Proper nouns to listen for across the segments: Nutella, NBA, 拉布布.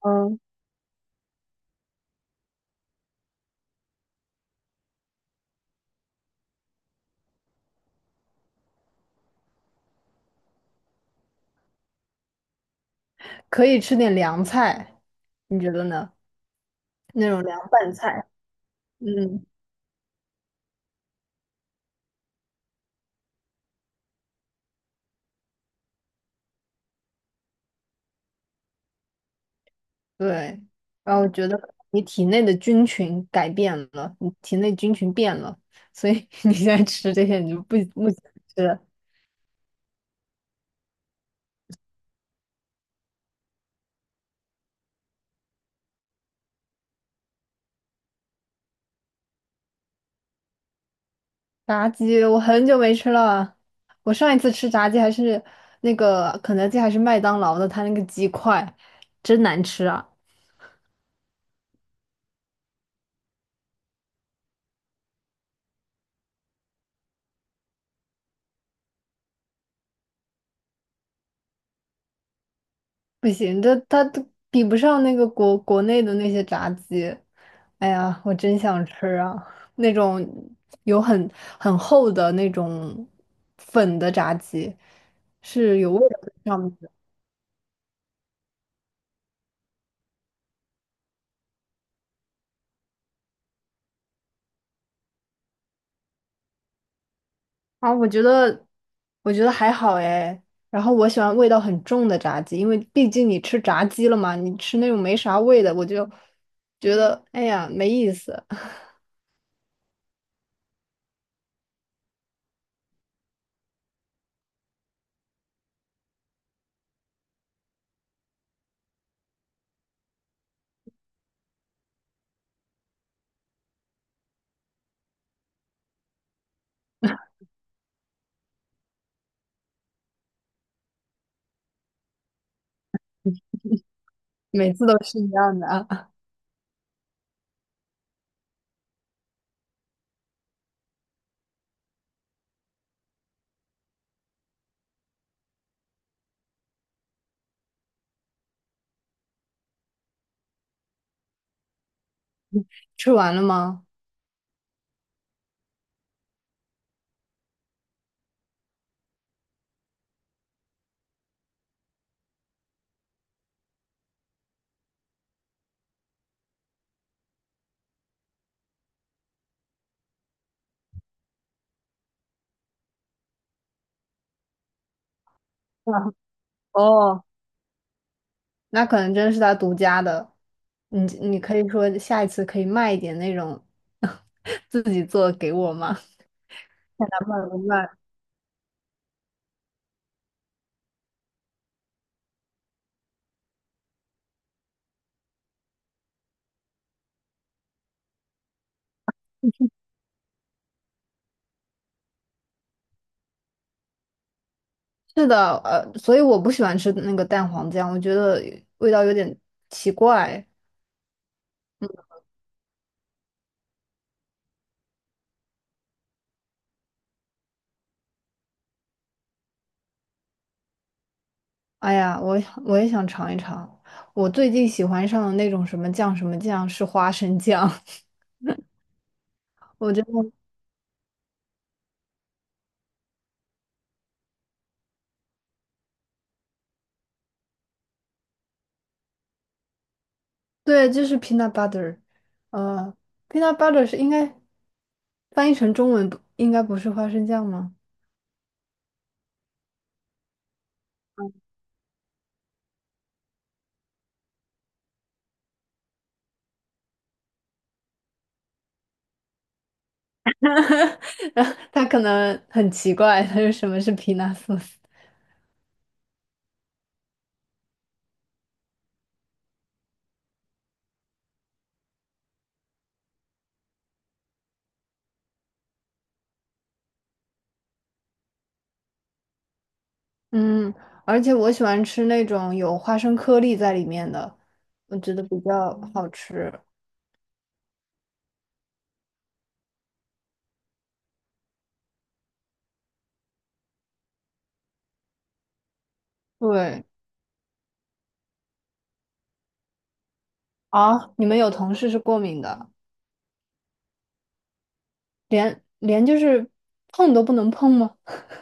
嗯，可以吃点凉菜，你觉得呢？那种凉拌菜，嗯，对。然后我觉得你体内的菌群改变了，你体内菌群变了，所以 你现在吃这些你就不想吃了。炸鸡我很久没吃了，我上一次吃炸鸡还是那个肯德基还是麦当劳的，它那个鸡块真难吃啊。不行，这它都比不上那个国内的那些炸鸡。哎呀，我真想吃啊！那种有很厚的那种粉的炸鸡，是有味道的，上面的啊。我觉得，我觉得还好哎。然后我喜欢味道很重的炸鸡，因为毕竟你吃炸鸡了嘛，你吃那种没啥味的，我就觉得哎呀没意思。每次都是一样的啊。吃完了吗？啊，哦。那可能真的是他独家的。你你可以说下一次可以卖一点那种 自己做给我吗？咱们不卖。是的，所以我不喜欢吃那个蛋黄酱，我觉得味道有点奇怪。哎呀，我也想尝一尝。我最近喜欢上的那种什么酱什么酱是花生酱。我觉得对，就是 peanut butter，呃，peanut butter 是应该翻译成中文不应该不是花生酱吗？然后他可能很奇怪，他说什么是皮纳素斯？嗯，而且我喜欢吃那种有花生颗粒在里面的，我觉得比较好吃。对啊，你们有同事是过敏的，连就是碰都不能碰吗？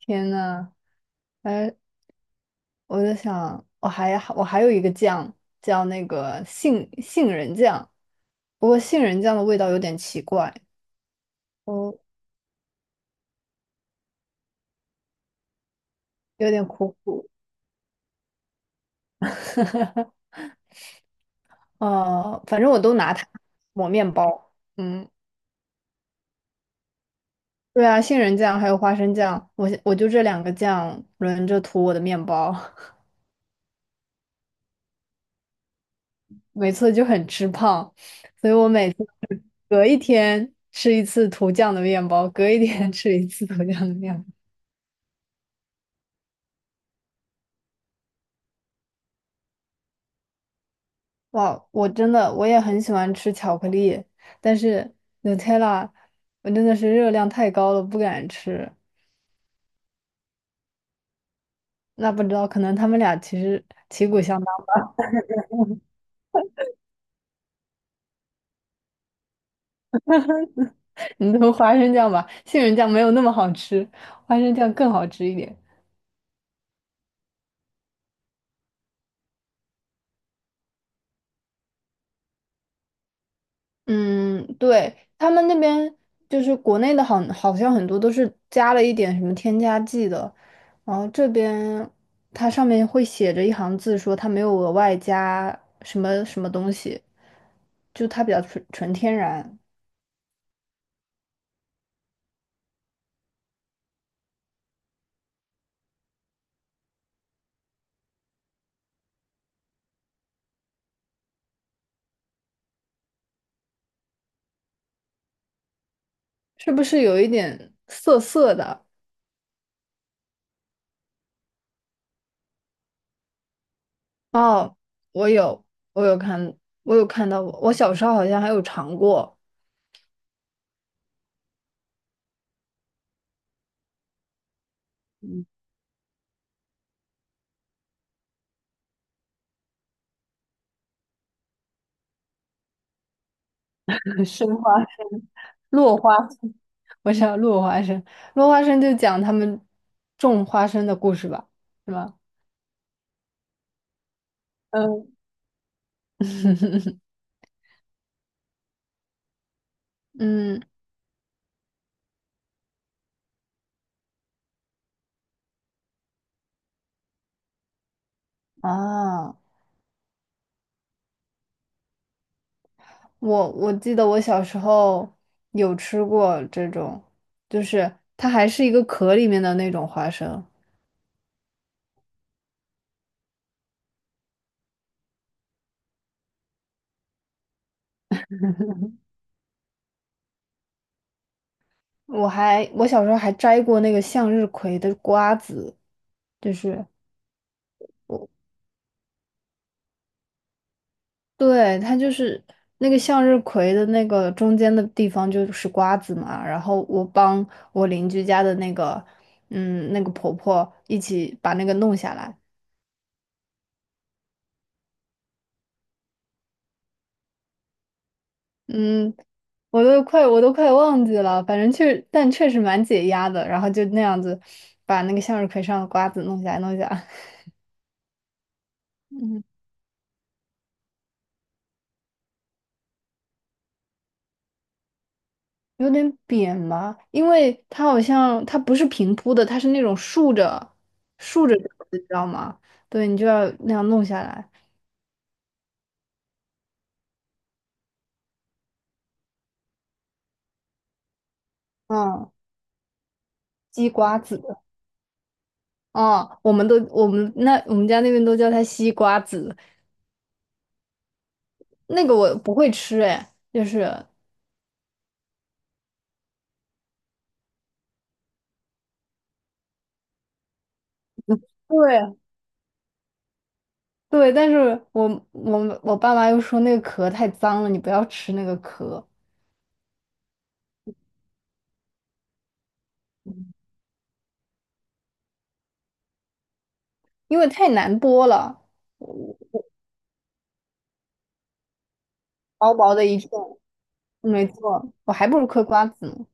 天呐，哎，我在想，我还有一个酱叫那个杏仁酱，不过杏仁酱的味道有点奇怪，我有点苦苦。反正我都拿它抹面包。嗯，对啊，杏仁酱还有花生酱，我就这两个酱轮着涂我的面包。每次就很吃胖，所以我每次隔一天吃一次涂酱的面包，隔一天 吃一次涂酱的面包。哇，我真的我也很喜欢吃巧克力，但是 Nutella 我真的是热量太高了，不敢吃。那不知道，可能他们俩其实旗鼓相当。你都花生酱吧，杏仁酱没有那么好吃，花生酱更好吃一点。嗯，对，他们那边就是国内的好，好像很多都是加了一点什么添加剂的，然后这边它上面会写着一行字说它没有额外加什么什么东西，就它比较纯天然，是不是有一点涩涩的？哦，我有，我有看，我有看到过，我小时候好像还有尝过。 生花。生。落花生，我想道落花生，落花生就讲他们种花生的故事吧，是吧？嗯，嗯啊，我记得我小时候有吃过这种，就是它还是一个壳里面的那种花生。我小时候还摘过那个向日葵的瓜子，就是。我。对，它就是那个向日葵的那个中间的地方就是瓜子嘛，然后我帮我邻居家的那个，嗯，那个婆婆一起把那个弄下来。嗯，我都快忘记了，反正确实蛮解压的，然后就那样子把那个向日葵上的瓜子弄下来，嗯，有点扁嘛，因为它好像它不是平铺的，它是那种竖着的，你知道吗？对，你就要那样弄下来。嗯，西瓜子啊，哦我们家那边都叫它西瓜子，那个我不会吃哎，就是对，对，但是我爸妈又说那个壳太脏了，你不要吃那个壳，因为太难剥了，我薄薄的一片，没错，我还不如嗑瓜子呢。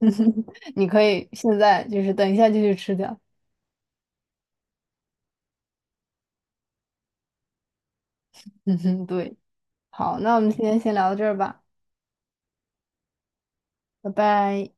你可以现在就是等一下就去吃掉。嗯哼，对，好，那我们今天先聊到这儿吧，拜拜。